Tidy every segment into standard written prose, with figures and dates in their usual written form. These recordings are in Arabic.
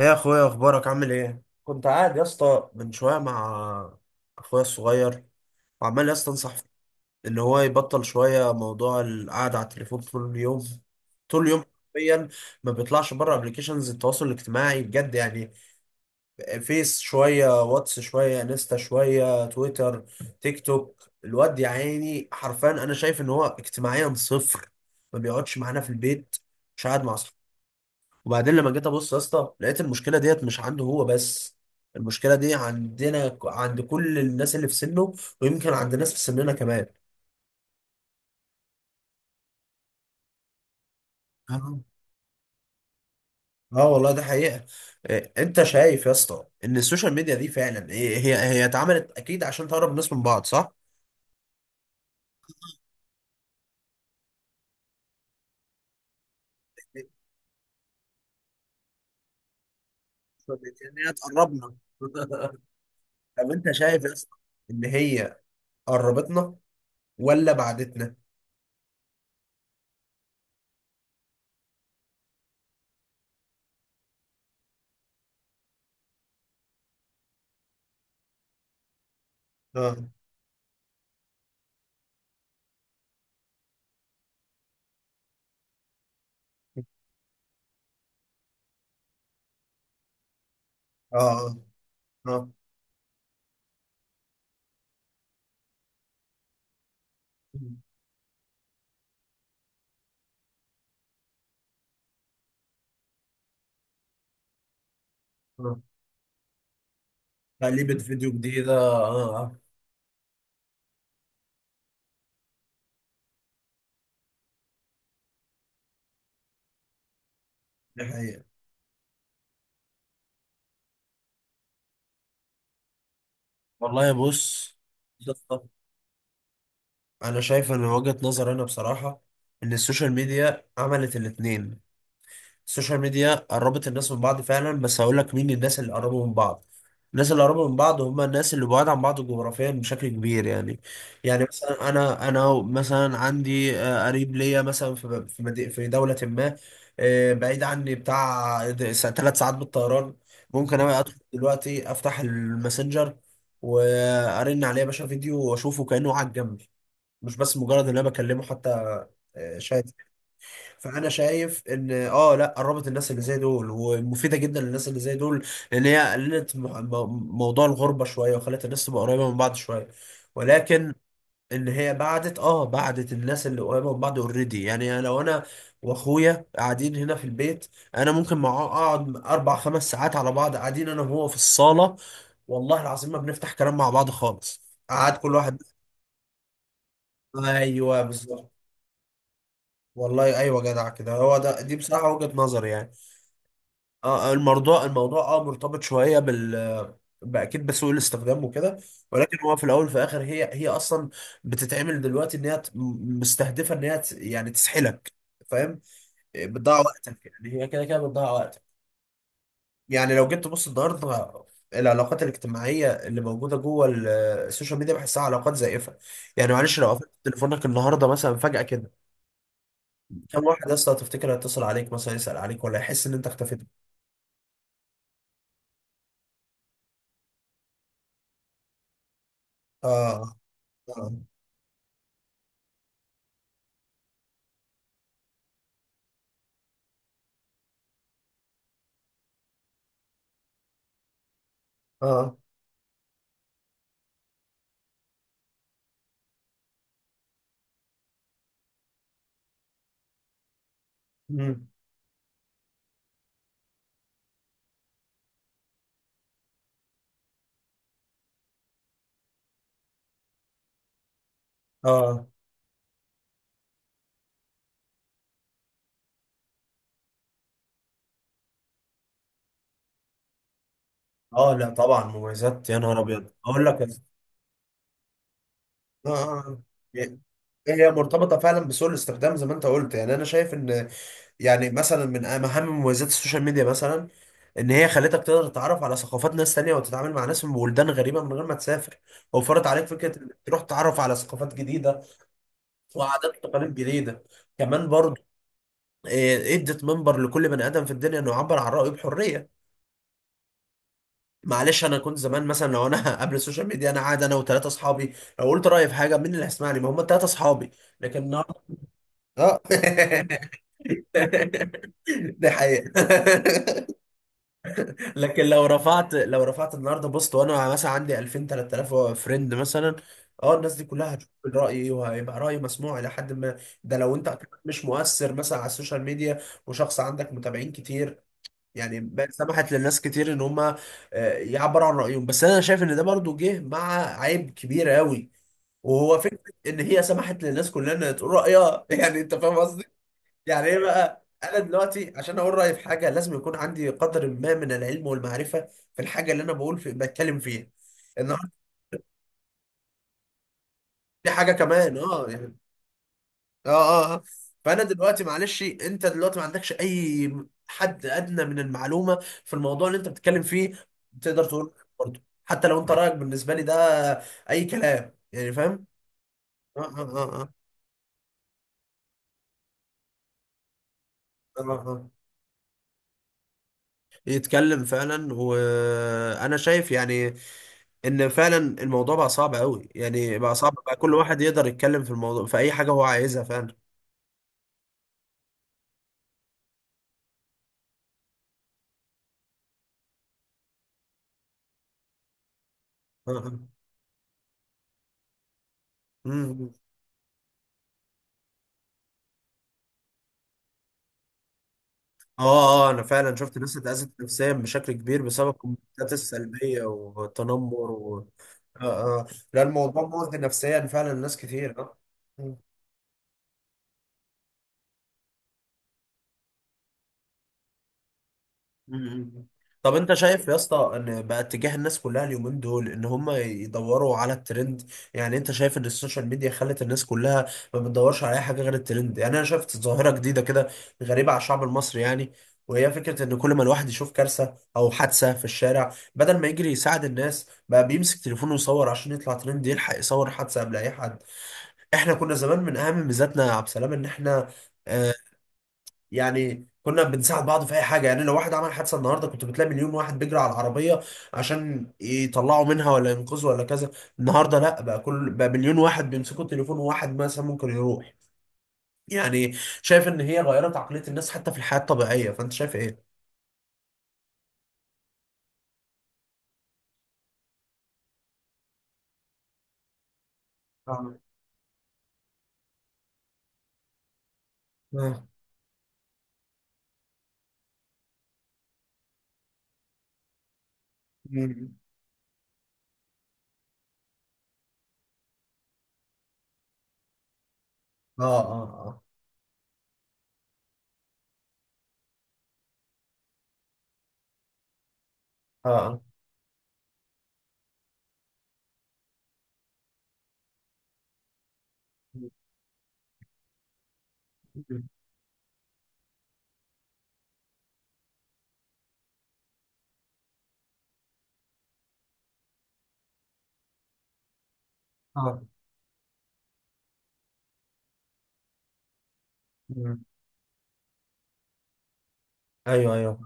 ايه يا اخويا، اخبارك؟ عامل ايه؟ كنت قاعد يا اسطى من شويه مع اخويا الصغير، وعمال يا اسطى انصح ان هو يبطل شويه موضوع القعده على التليفون طول اليوم طول اليوم حرفيا. ما بيطلعش بره ابلكيشنز التواصل الاجتماعي بجد يعني. فيس شويه، واتس شويه، انستا شويه، تويتر، تيك توك. الواد يا عيني حرفيا انا شايف ان هو اجتماعيا صفر. ما بيقعدش معانا في البيت. مش قاعد مع. وبعدين لما جيت ابص يا اسطى لقيت المشكله ديت مش عنده هو بس، المشكله دي عندنا، عند كل الناس اللي في سنه، ويمكن عند ناس في سننا كمان. آه. اه والله، ده حقيقة. انت شايف يا اسطى ان السوشيال ميديا دي فعلا هي اتعملت اكيد عشان تقرب الناس من بعض، صح؟ إيه، السوشيال ميديا ان هي تقربنا. طب انت شايف يا اسطى ان هي قربتنا ولا بعدتنا؟ اه، اه، اه، اه، آه. تقليبة فيديو جديدة. اه. آه. دي حقيقة والله. بص، انا شايف ان وجهة نظر انا بصراحة، ان السوشيال ميديا عملت الاتنين. السوشيال ميديا قربت الناس من بعض فعلا، بس هقول لك مين الناس اللي قربوا من بعض. الناس اللي قربوا من بعض هم الناس اللي بعاد عن بعض جغرافيا بشكل كبير يعني. يعني مثلا انا مثلا عندي قريب ليا مثلا في دولة ما، بعيد عني بتاع 3 ساعات بالطيران. ممكن انا ادخل دلوقتي افتح الماسنجر، وارن عليه يا باشا فيديو، واشوفه كأنه قاعد جنبي. مش بس مجرد ان انا بكلمه حتى. شات. فانا شايف ان اه، لا قربت الناس اللي زي دول، ومفيده جدا للناس اللي زي دول، لان هي قللت موضوع الغربه شويه، وخلت الناس تبقى قريبه من بعض شويه، ولكن ان هي بعدت بعدت الناس اللي قريبه من بعض اوريدي. يعني لو انا واخويا قاعدين هنا في البيت، انا ممكن معاه اقعد 4 5 ساعات على بعض قاعدين انا وهو في الصاله، والله العظيم ما بنفتح كلام مع بعض خالص، قعد كل واحد. ايوه بالظبط. والله ايوه، جدع كده. هو ده دي بصراحه وجهه نظري يعني. اه الموضوع مرتبط شويه باكيد بسوء الاستخدام وكده. ولكن هو في الاول وفي الاخر هي اصلا بتتعمل دلوقتي مستهدفه يعني تسحلك. فاهم؟ بتضيع وقتك. يعني هي كده كده بتضيع وقتك. يعني لو جيت تبص النهارده، العلاقات الاجتماعيه اللي موجوده جوه السوشيال ميديا بحسها علاقات زائفه. يعني معلش، لو قفلت تليفونك النهارده مثلا فجاه كده، كم واحد يا اسطى هتفتكر هيتصل عليك مثلا يسال عليك ولا يحس ان انت اختفيت؟ اه، اه، اه، آه. مم. اه، اه، لا طبعا مميزات، يا نهار ابيض! اقول لك اه. آه. آه. إيه، إيه، هي مرتبطه فعلا بسوء الاستخدام زي ما انت قلت، يعني انا شايف ان، يعني مثلا من اهم مميزات السوشيال ميديا مثلا، ان هي خلتك تقدر تتعرف على ثقافات ناس تانية وتتعامل مع ناس من بلدان غريبه من غير ما تسافر. وفرت عليك فكره انك تروح تتعرف على ثقافات جديده، وعادات وتقاليد جديده كمان برضه. ادت منبر لكل بني ادم في الدنيا انه يعبر عن رايه بحريه. معلش، انا كنت زمان مثلا، لو انا قبل السوشيال ميديا انا قاعد انا وثلاثه اصحابي، لو قلت رايي في حاجه، مين اللي هيسمعني؟ ما هم 3 اصحابي. لكن النهارده. اه. ده حقيقه. لكن لو رفعت النهارده بوست وانا مثلا عندي 2000 3000 فريند مثلا، اه، الناس دي كلها هتشوف رايي وهيبقى رايي مسموع الى حد ما. ده لو انت مش مؤثر مثلا على السوشيال ميديا وشخص عندك متابعين كتير. يعني بقت سمحت للناس كتير ان هم يعبروا عن رأيهم. بس انا شايف ان ده برضو جه مع عيب كبير قوي، وهو فكرة ان هي سمحت للناس كلها انها تقول رأيها. يعني انت فاهم قصدي. يعني ايه بقى؟ انا دلوقتي عشان اقول رأيي في حاجة لازم يكون عندي قدر ما من العلم والمعرفة في الحاجة اللي انا بقول في بتكلم فيها النهارده. دي حاجة كمان، اه يعني. اه. اه. آه. فانا دلوقتي معلش، انت دلوقتي ما عندكش اي حد ادنى من المعلومه في الموضوع اللي انت بتتكلم فيه، تقدر تقول برضه حتى لو انت رايك بالنسبه لي ده اي كلام. يعني فاهم؟ آه. آه. آه. آه. آه. آه. آه. يتكلم فعلا، وانا شايف يعني ان فعلا الموضوع بقى صعب قوي، يعني بقى صعب بقى كل واحد يقدر يتكلم في الموضوع في اي حاجه هو عايزها فعلا. آه. آه. مم. اه، اه، انا فعلا شفت ناس اتأذت نفسيا بشكل كبير بسبب الكومنتات السلبية والتنمر... و... آه. آه. لا، الموضوع مؤذي نفسيا فعلا ناس كتير. اه. مم. طب انت شايف يا اسطى ان بقى اتجاه الناس كلها اليومين دول ان هم يدوروا على الترند؟ يعني انت شايف ان السوشيال ميديا خلت الناس كلها ما بتدورش على اي حاجه غير الترند؟ يعني انا شفت ظاهره جديده كده غريبه على الشعب المصري يعني، وهي فكره ان كل ما الواحد يشوف كارثه او حادثه في الشارع بدل ما يجري يساعد الناس بقى بيمسك تليفونه يصور عشان يطلع ترند، يلحق يصور حادثه قبل اي حد. احنا كنا زمان من اهم ميزاتنا يا عبد السلام ان احنا آه، يعني كنا بنساعد بعض في اي حاجه. يعني لو واحد عمل حادثه النهارده كنت بتلاقي مليون واحد بيجري على العربيه عشان يطلعوا منها ولا ينقذوا ولا كذا. النهارده لا، بقى كل بقى مليون واحد بيمسكوا التليفون، وواحد مثلا ممكن يروح يعني. شايف ان هي غيرت عقليه الناس حتى في الحياه الطبيعيه، فانت شايف ايه؟ اه. اه. مم. اه. اه. اه. اه. مم. اه. مم. ايوه، ايوه.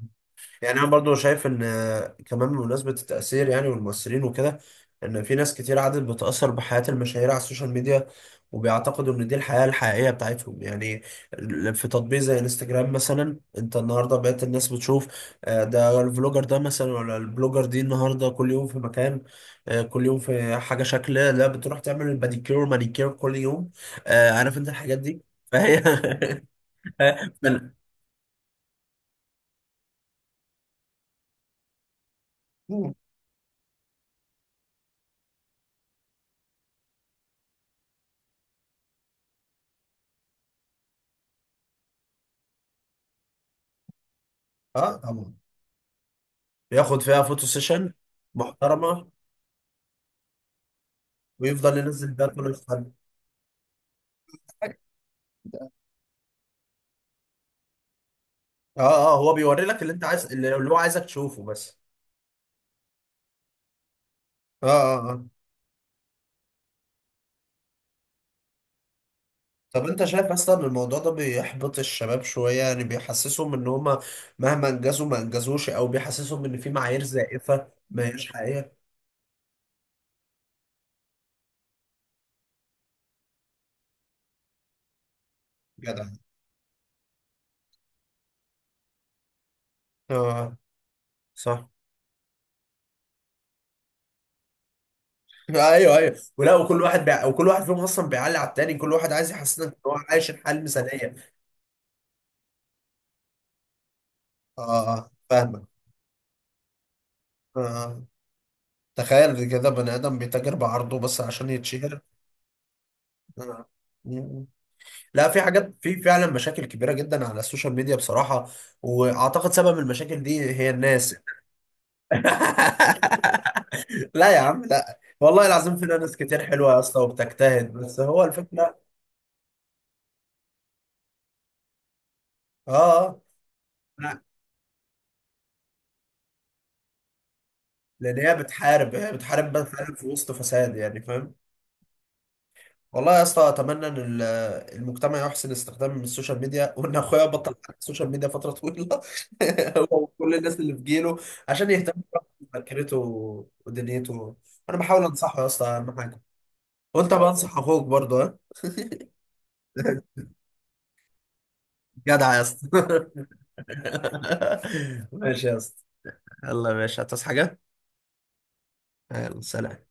يعني انا برضو شايف ان كمان بمناسبة التأثير، يعني والمؤثرين وكده، ان في ناس كتير عادت بتأثر بحياة المشاهير على السوشيال ميديا، وبيعتقدوا ان دي الحياة الحقيقية بتاعتهم يعني. في تطبيق زي انستجرام مثلا، انت النهاردة بقيت الناس بتشوف ده الفلوجر ده مثلا ولا البلوجر دي، النهاردة كل يوم في مكان، كل يوم في حاجة شكل، لا بتروح تعمل الباديكير والمانيكير كل يوم، عارف انت الحاجات دي، فهي. فال- اه طبعا، بياخد فيها فوتو سيشن محترمه ويفضل ينزل ده كل يوم. اه، اه، هو بيوري لك اللي انت عايز، اللي هو عايزك تشوفه بس. اه. اه. اه. طب انت شايف اصلا الموضوع ده بيحبط الشباب شوية؟ يعني بيحسسهم ان هما مهما انجزوا ما انجزوش، او بيحسسهم ان في معايير زائفة ما هياش حقيقية. جدع. اه. آه. صح. ايوه، ايوه، ولا وكل واحد فيهم اصلا بيعلي على التاني. كل واحد عايز يحسسك ان هو عايش الحياة المثالية. اه، اه، فاهمك. اه. آه. تخيل كده بني ادم بيتاجر بعرضه بس عشان يتشهر. أنا- مم. لا، في حاجات، في فعلا مشاكل كبيره جدا على السوشيال ميديا بصراحه. واعتقد سبب المشاكل دي هي الناس. لا يا عم، لا، والله العظيم فينا ناس كتير حلوه يا اسطى وبتجتهد، بس هو الفكره. اه. آه. لا، لان هي بتحارب بقى فعلا في وسط فساد، يعني فاهم. والله يا اسطى اتمنى ان المجتمع يحسن استخدام السوشيال ميديا، وان اخويا بطل على السوشيال ميديا فتره طويله. هو وكل الناس اللي في جيله، عشان يهتم بذاكرته ودنيته. انا بحاول انصحه يا اسطى اهم حاجه. وانت بنصح اخوك برضه ها؟ جدع يا اسطى. ماشي يا اسطى. يلا يا باشا، هتصحى حاجه؟ يلا سلام.